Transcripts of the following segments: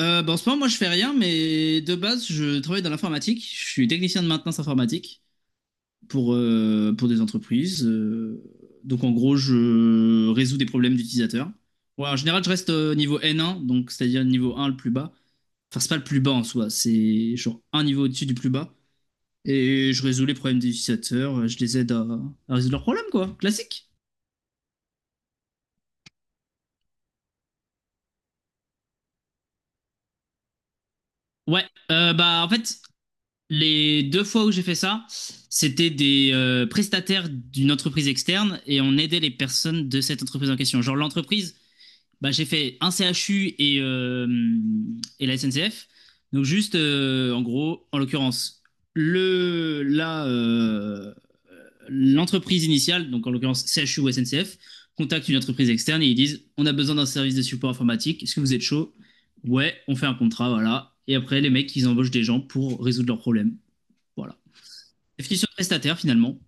Bah, en ce moment, moi, je fais rien, mais de base, je travaille dans l'informatique. Je suis technicien de maintenance informatique pour des entreprises. Donc, en gros, je résous des problèmes d'utilisateurs. Ouais, en général, je reste au niveau N1, donc c'est-à-dire niveau 1 le plus bas. Enfin, c'est pas le plus bas en soi, c'est genre un niveau au-dessus du plus bas. Et je résous les problèmes des utilisateurs, je les aide à résoudre leurs problèmes, quoi. Classique. Ouais, bah en fait, les 2 fois où j'ai fait ça, c'était des prestataires d'une entreprise externe et on aidait les personnes de cette entreprise en question. Genre l'entreprise, bah, j'ai fait un CHU et la SNCF. Donc juste, en gros, en l'occurrence, le, la, euh, l'entreprise initiale, donc en l'occurrence CHU ou SNCF, contacte une entreprise externe et ils disent, on a besoin d'un service de support informatique, est-ce que vous êtes chaud? Ouais, on fait un contrat, voilà. Et après, les mecs, ils embauchent des gens pour résoudre leurs problèmes. Voilà. Définition de prestataire, finalement.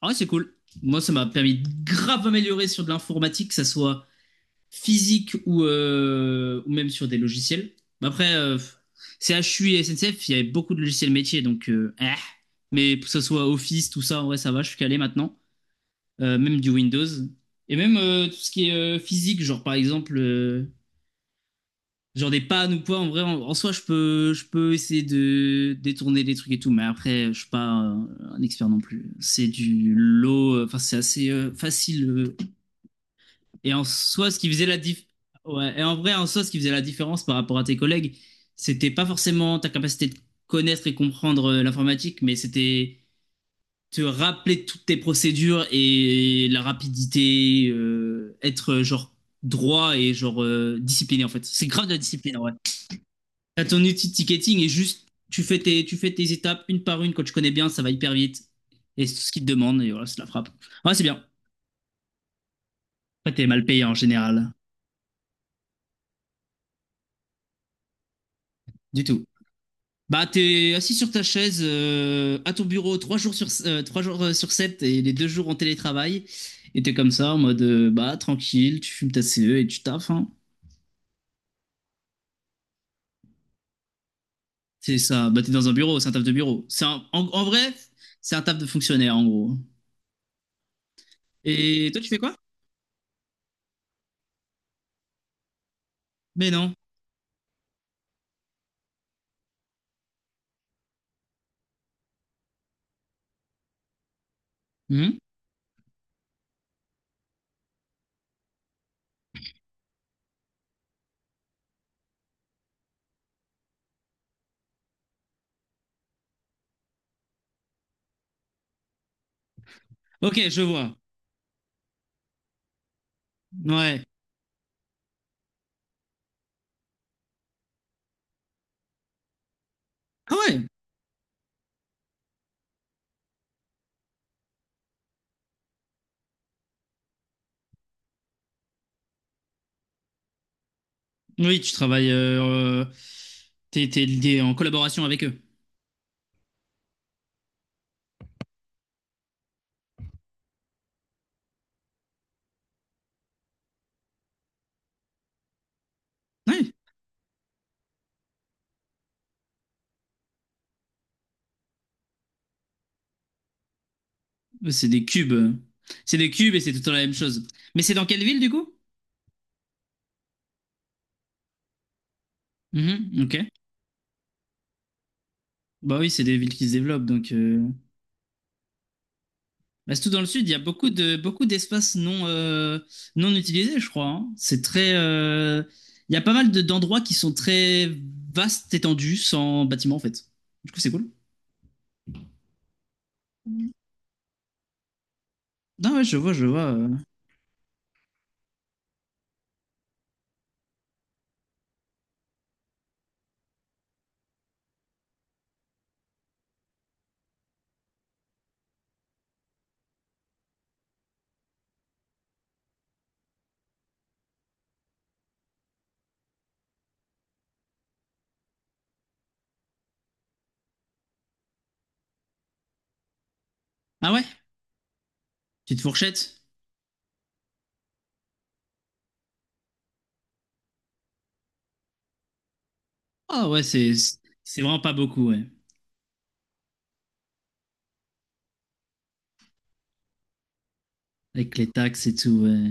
Ah ouais, c'est cool. Moi, ça m'a permis de grave améliorer sur de l'informatique, que ça soit physique ou même sur des logiciels. Mais après, CHU et SNCF, il y avait beaucoup de logiciels métiers, donc. Mais que ce soit Office, tout ça, ouais, ça va, je suis calé maintenant. Même du Windows. Et même tout ce qui est physique, genre par exemple, genre des pannes ou quoi, en vrai, en soi, je peux essayer de détourner des trucs et tout, mais après, je suis pas un expert non plus. C'est du lot, enfin, c'est assez facile. Et en soi, ce qui faisait la diff... Ouais, et en vrai, en soi, ce qui faisait la différence par rapport à tes collègues, c'était pas forcément ta capacité de connaître et comprendre l'informatique, mais c'était te rappeler toutes tes procédures et la rapidité, être genre droit et genre discipliné, en fait. C'est grave de la discipline. T'as ton outil de ticketing et juste tu fais tes étapes une par une. Quand tu connais bien, ça va hyper vite. Et c'est tout ce qu'ils te demandent. Et voilà, c'est la frappe. Ouais, c'est bien. Après, t'es mal payé en général. Du tout. Bah, t'es assis sur ta chaise à ton bureau 3 jours sur, trois jours sur 7 et les 2 jours en télétravail. Et t'es comme ça en mode bah tranquille, tu fumes ta CE et tu taffes, hein. C'est ça. Bah, t'es dans un bureau, c'est un taf de bureau. En vrai, c'est un taf de fonctionnaire en gros. Et toi, tu fais quoi? Mais non. Mhm. Ok, je vois. Ouais. Ah ouais? Oui, tu travailles. T'es lié en collaboration avec eux. Ouais, c'est des cubes. C'est des cubes et c'est tout le temps la même chose. Mais c'est dans quelle ville du coup? Mhm, ok. Bah oui, c'est des villes qui se développent donc. Bah, surtout dans le sud, il y a beaucoup d'espaces non non utilisés, je crois, hein. C'est très. Il y a pas mal d'endroits qui sont très vastes, étendus, sans bâtiment en fait. Du coup, c'est cool. Ah ouais, je vois, je vois. Ah ouais? Petite fourchette? Ah ouais, c'est vraiment pas beaucoup, ouais. Avec les taxes et tout, ouais.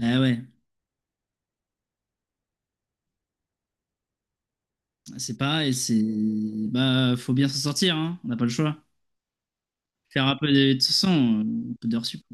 Ah ouais, c'est pareil, c'est... Bah, faut bien s'en sortir, hein. On n'a pas le choix. Faire un peu de toute façon, un peu d'heures sup.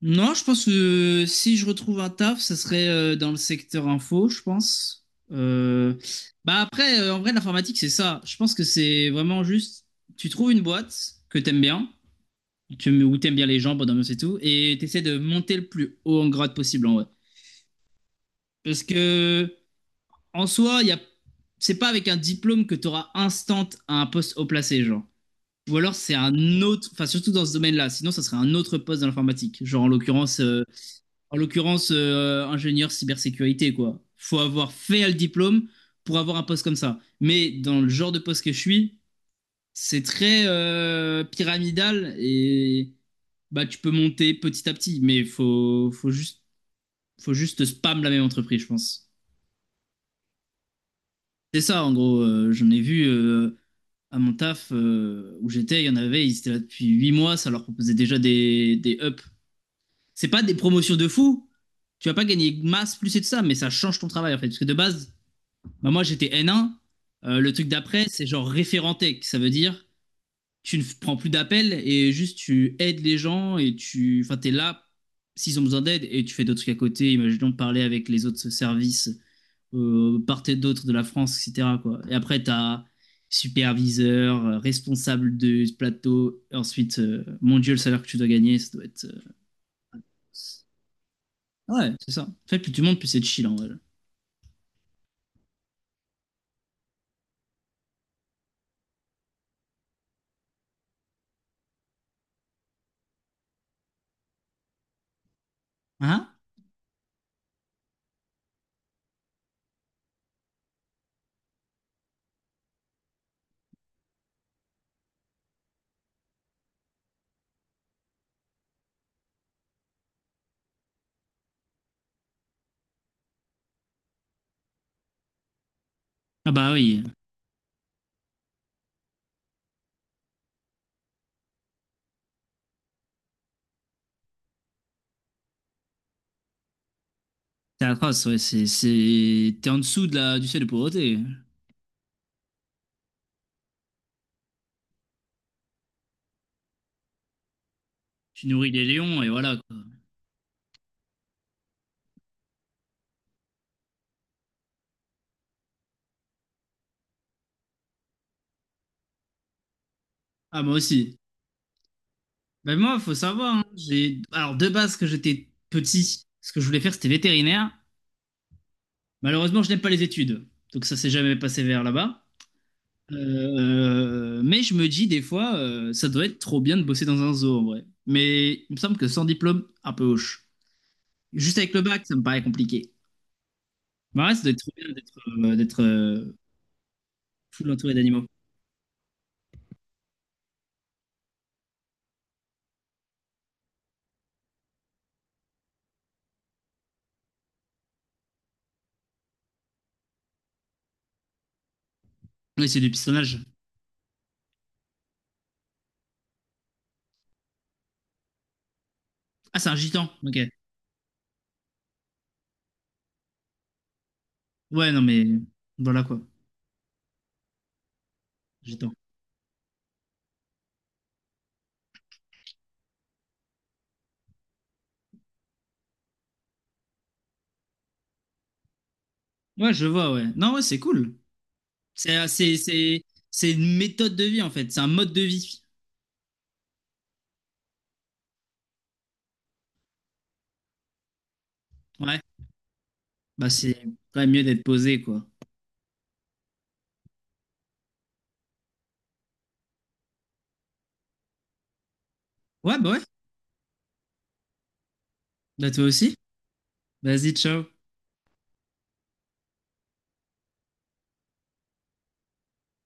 Non, je pense que si je retrouve un taf, ça serait dans le secteur info, je pense. Euh, Bah après, en vrai, l'informatique, c'est ça. Je pense que c'est vraiment juste, tu trouves une boîte que t'aimes bien, où t'aimes bien les gens, bonne ambiance et tout, et t'essaies de monter le plus haut en grade possible, en vrai. Parce que en soi, y a... c'est pas avec un diplôme que tu auras instant un poste haut placé, genre. Ou alors c'est un autre, enfin surtout dans ce domaine-là, sinon ça serait un autre poste dans l'informatique, genre en l'occurrence, ingénieur cybersécurité, quoi. Faut avoir fait le diplôme pour avoir un poste comme ça. Mais dans le genre de poste que je suis, c'est très pyramidal et bah tu peux monter petit à petit, mais faut juste spam la même entreprise, je pense. C'est ça en gros. J'en ai vu à mon taf où j'étais, il y en avait, ils étaient là depuis 8 mois, ça leur proposait déjà des ups. C'est pas des promotions de fou, tu vas pas gagner masse plus et tout ça, mais ça change ton travail en fait. Parce que de base, bah, moi j'étais N1, le truc d'après c'est genre référenté, ça veut dire tu ne prends plus d'appels et juste tu aides les gens et tu enfin, t'es là s'ils ont besoin d'aide et tu fais d'autres trucs à côté, imaginons parler avec les autres services part et d'autre de la France, etc., quoi. Et après, tu as superviseur, responsable de ce plateau. Et ensuite, mon Dieu, le salaire que tu dois gagner, ça doit être. Ouais, c'est ça. En fait, plus tu montes, plus c'est chill en vrai. Hein? Ah bah oui, c'est atroce, ouais. C'est... T'es en dessous du seuil de pauvreté. Tu nourris les lions et voilà quoi. Ah, moi aussi. Ben moi, faut savoir, hein, j'ai... Alors, de base, que j'étais petit, ce que je voulais faire, c'était vétérinaire. Malheureusement, je n'aime pas les études. Donc, ça s'est jamais passé vers là-bas. Mais je me dis des fois, ça doit être trop bien de bosser dans un zoo en vrai. Mais il me semble que sans diplôme, un peu hoche. Juste avec le bac, ça me paraît compliqué. Mais ouais, ça doit être trop bien d'être full entouré d'animaux. Oui, c'est du pistonnage. Ah, c'est un gitan. Ok. Ouais, non mais voilà quoi, gitan. Ouais, je vois. Ouais. Non, ouais, c'est cool. C'est euh, c'est c'est c'est une méthode de vie en fait. C'est un mode de vie. Ouais. Bah c'est quand même mieux d'être posé quoi. Ouais. Bah toi aussi. Vas-y, ciao.